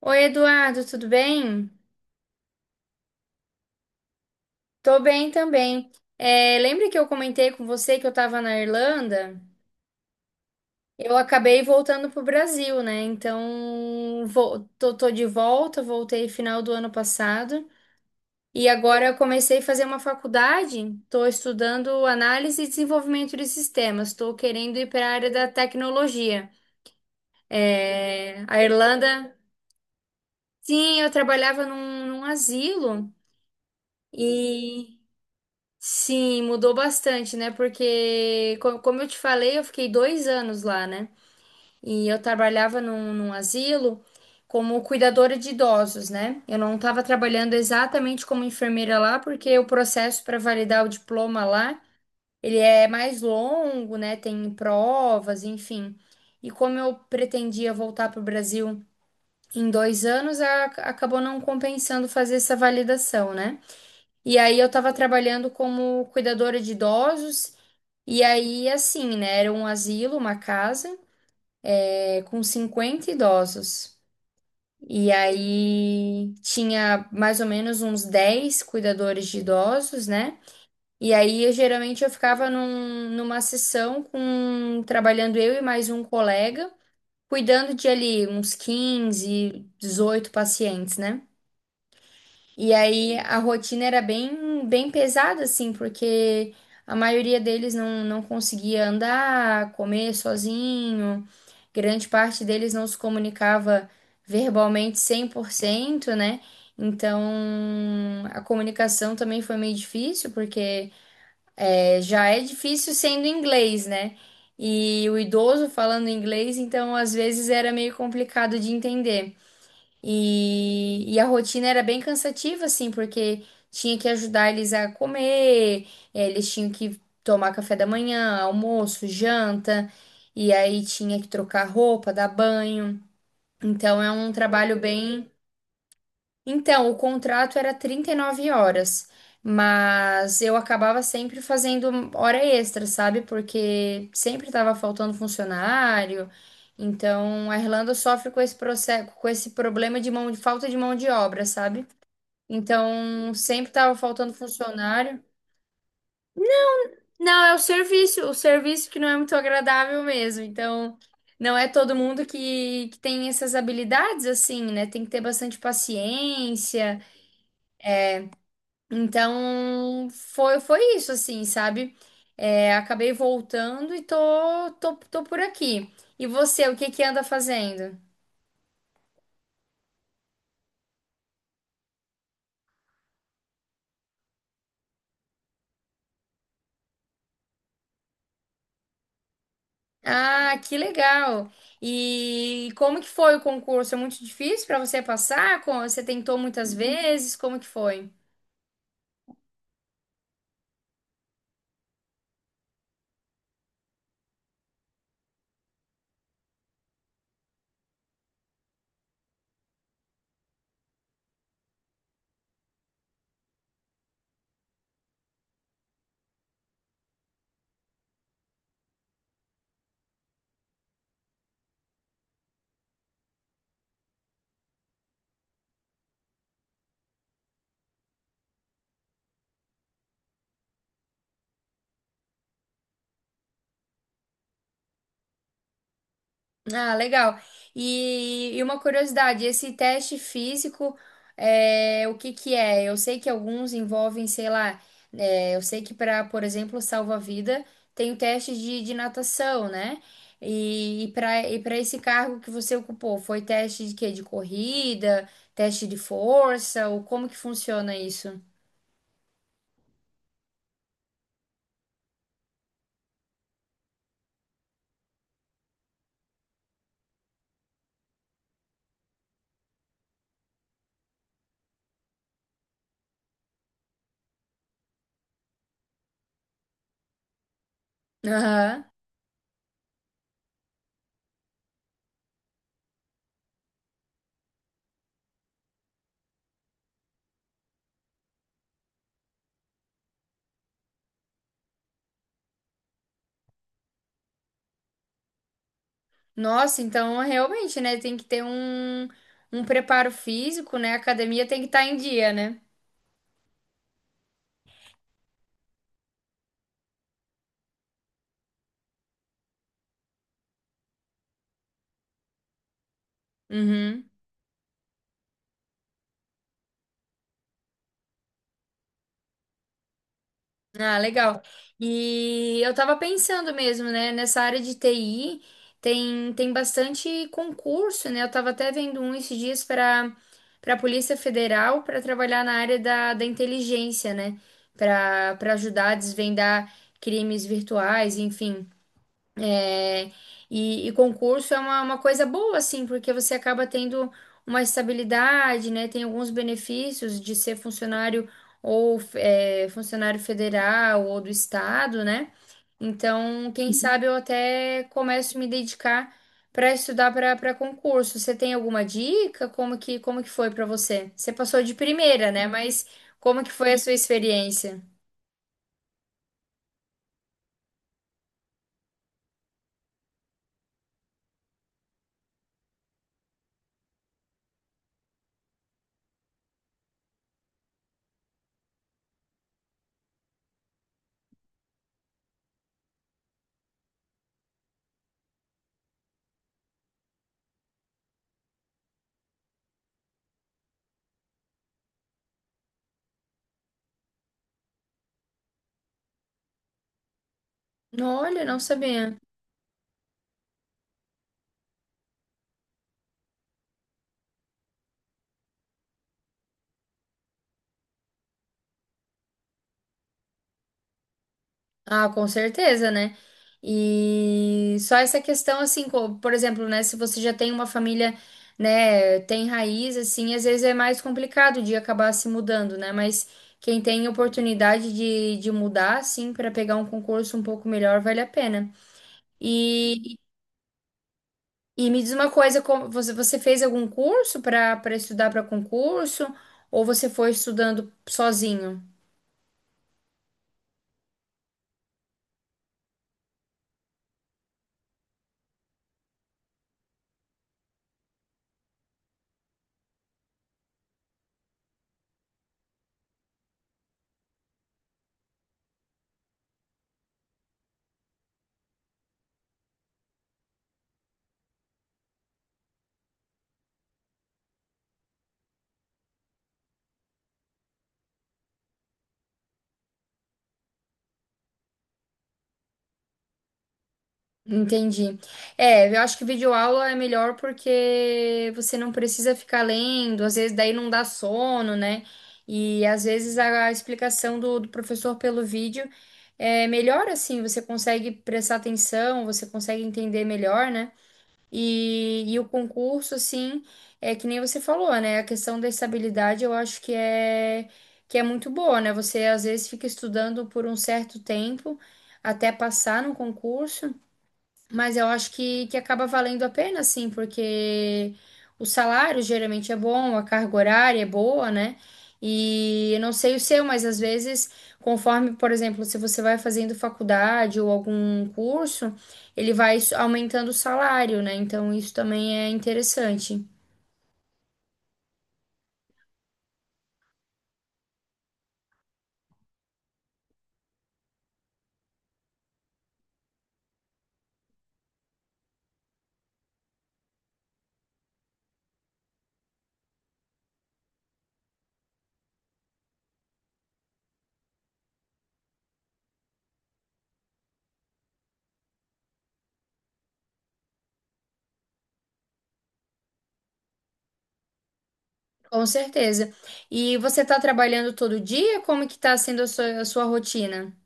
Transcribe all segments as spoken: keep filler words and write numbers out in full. Oi, Eduardo, tudo bem? Tô bem também. É, lembra que eu comentei com você que eu tava na Irlanda? Eu acabei voltando pro Brasil, né? Então, vou- tô, tô de volta, voltei final do ano passado. E agora eu comecei a fazer uma faculdade, tô estudando análise e desenvolvimento de sistemas, tô querendo ir para a área da tecnologia. É, a Irlanda, sim, eu trabalhava num num asilo. E Sim, mudou bastante, né? Porque, co- como eu te falei, eu fiquei dois anos lá, né? E eu trabalhava num, num asilo como cuidadora de idosos, né? Eu não estava trabalhando exatamente como enfermeira lá, porque o processo para validar o diploma lá, ele é mais longo, né? Tem provas, enfim. E como eu pretendia voltar para o Brasil em dois anos, a- acabou não compensando fazer essa validação, né? E aí eu estava trabalhando como cuidadora de idosos. E aí, assim, né? Era um asilo, uma casa, é, com cinquenta idosos. E aí tinha mais ou menos uns dez cuidadores de idosos, né? E aí, eu, geralmente, eu ficava num- numa sessão com trabalhando eu e mais um colega, cuidando de ali uns quinze dezoito pacientes, né? E aí a rotina era bem, bem pesada, assim, porque a maioria deles não, não conseguia andar, comer sozinho, grande parte deles não se comunicava verbalmente cem por cento né? Então a comunicação também foi meio difícil, porque é, já é difícil sendo inglês, né? E o idoso falando inglês, então às vezes era meio complicado de entender. E, e a rotina era bem cansativa, assim, porque tinha que ajudar eles a comer, eh, eles tinham que tomar café da manhã, almoço, janta, e aí tinha que trocar roupa, dar banho. Então é um trabalho bem então, o contrato era trinta e nove horas, mas eu acabava sempre fazendo hora extra, sabe? Porque sempre estava faltando funcionário. Então, a Irlanda sofre com esse processo, com esse problema de mão, de falta de mão de obra, sabe? Então, sempre estava faltando funcionário. Não, é o serviço, o serviço que não é muito agradável mesmo. Então, não é todo mundo que, que tem essas habilidades assim, né? Tem que ter bastante paciência. Então, foi, foi isso, assim, sabe? É, acabei voltando e tô, tô, tô por aqui. E você, o que que anda fazendo? Ah, que legal! E como que foi o concurso? É muito difícil pra você passar? Co- Você tentou muitas vezes? Como que foi? Ah, legal. E, e uma curiosidade, esse teste físico, é, o que que é? Eu sei que alguns envolvem, sei lá, é, eu sei que para, por exemplo, salva-vida, tem o teste de, de natação, né? E, para e para esse cargo que você ocupou, foi teste de quê? De corrida, teste de força, ou como que funciona isso? Aham. Nossa, então realmente, né? Tem que ter um, um preparo físico, né? A academia tem que estar em dia, né? Uhum. Ah, legal. E eu tava pensando mesmo, né? Nessa área de T I tem, tem bastante concurso, né? Eu tava até vendo um esses dias para para a Polícia Federal para trabalhar na área da, da inteligência, né? Para para ajudar a desvendar crimes virtuais, enfim. É, E, e concurso é uma, uma coisa boa, assim, porque você acaba tendo uma estabilidade, né? Tem alguns benefícios de ser funcionário ou é, funcionário federal ou do estado, né? Então, quem sabe eu até começo a me dedicar para estudar para para concurso. Você tem alguma dica? Como que, como que foi para você? Você passou de primeira, né? Mas como que foi a sua experiência? Olha, não sabia. Ah, com certeza, né? E só essa questão, assim, co- por exemplo, né? Se você já tem uma família, né, tem raiz, assim, às vezes é mais complicado de acabar se mudando, né? Mas quem tem oportunidade de, de mudar, assim, para pegar um concurso um pouco melhor, vale a pena. E, e me diz uma coisa, como- você, você fez algum curso para para estudar para concurso ou você foi estudando sozinho? Entendi. É, eu acho que videoaula é melhor porque você não precisa ficar lendo, às vezes daí não dá sono, né? E às vezes a explicação do, do professor pelo vídeo é melhor assim, você consegue prestar atenção, você consegue entender melhor, né? E, e o concurso, assim, é que nem você falou, né? A questão da estabilidade eu acho que é, que é muito boa, né? Você às vezes fica estudando por um certo tempo até passar no concurso. Mas eu acho que, que acaba valendo a pena, sim, porque o salário geralmente é bom, a carga horária é boa, né? E eu não sei o seu, mas às vezes, conforme, por exemplo, se você vai fazendo faculdade ou algum curso, ele vai s- aumentando o salário, né? Então isso também é interessante. Com certeza. E você está trabalhando todo dia? Como que está sendo a sua, a sua rotina?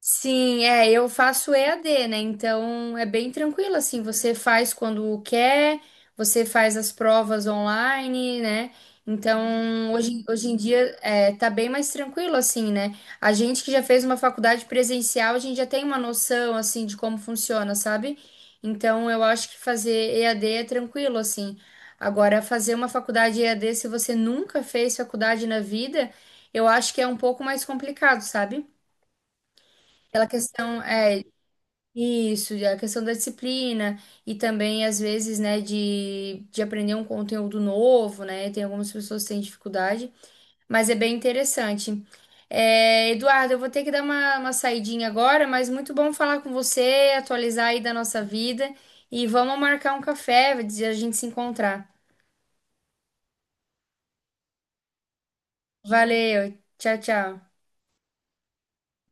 Sim, é, eu faço E A D, né? Então é bem tranquilo assim, você faz quando quer, você faz as provas online, né? Então, hoje, hoje em dia é, tá bem mais tranquilo assim, né? A gente que já fez uma faculdade presencial, a gente já tem uma noção assim de como funciona, sabe? Então, eu acho que fazer E A D é tranquilo assim. Agora, fazer uma faculdade E A D, se você nunca fez faculdade na vida, eu acho que é um pouco mais complicado, sabe? Aquela questão é isso, a questão da disciplina e também às vezes, né, de, de aprender um conteúdo novo, né? Tem algumas pessoas que têm dificuldade, mas é bem interessante. É, Eduardo, eu vou ter que dar uma, uma saidinha agora, mas muito bom falar com você, atualizar aí da nossa vida e vamos marcar um café, a gente se encontrar. Valeu, tchau, tchau.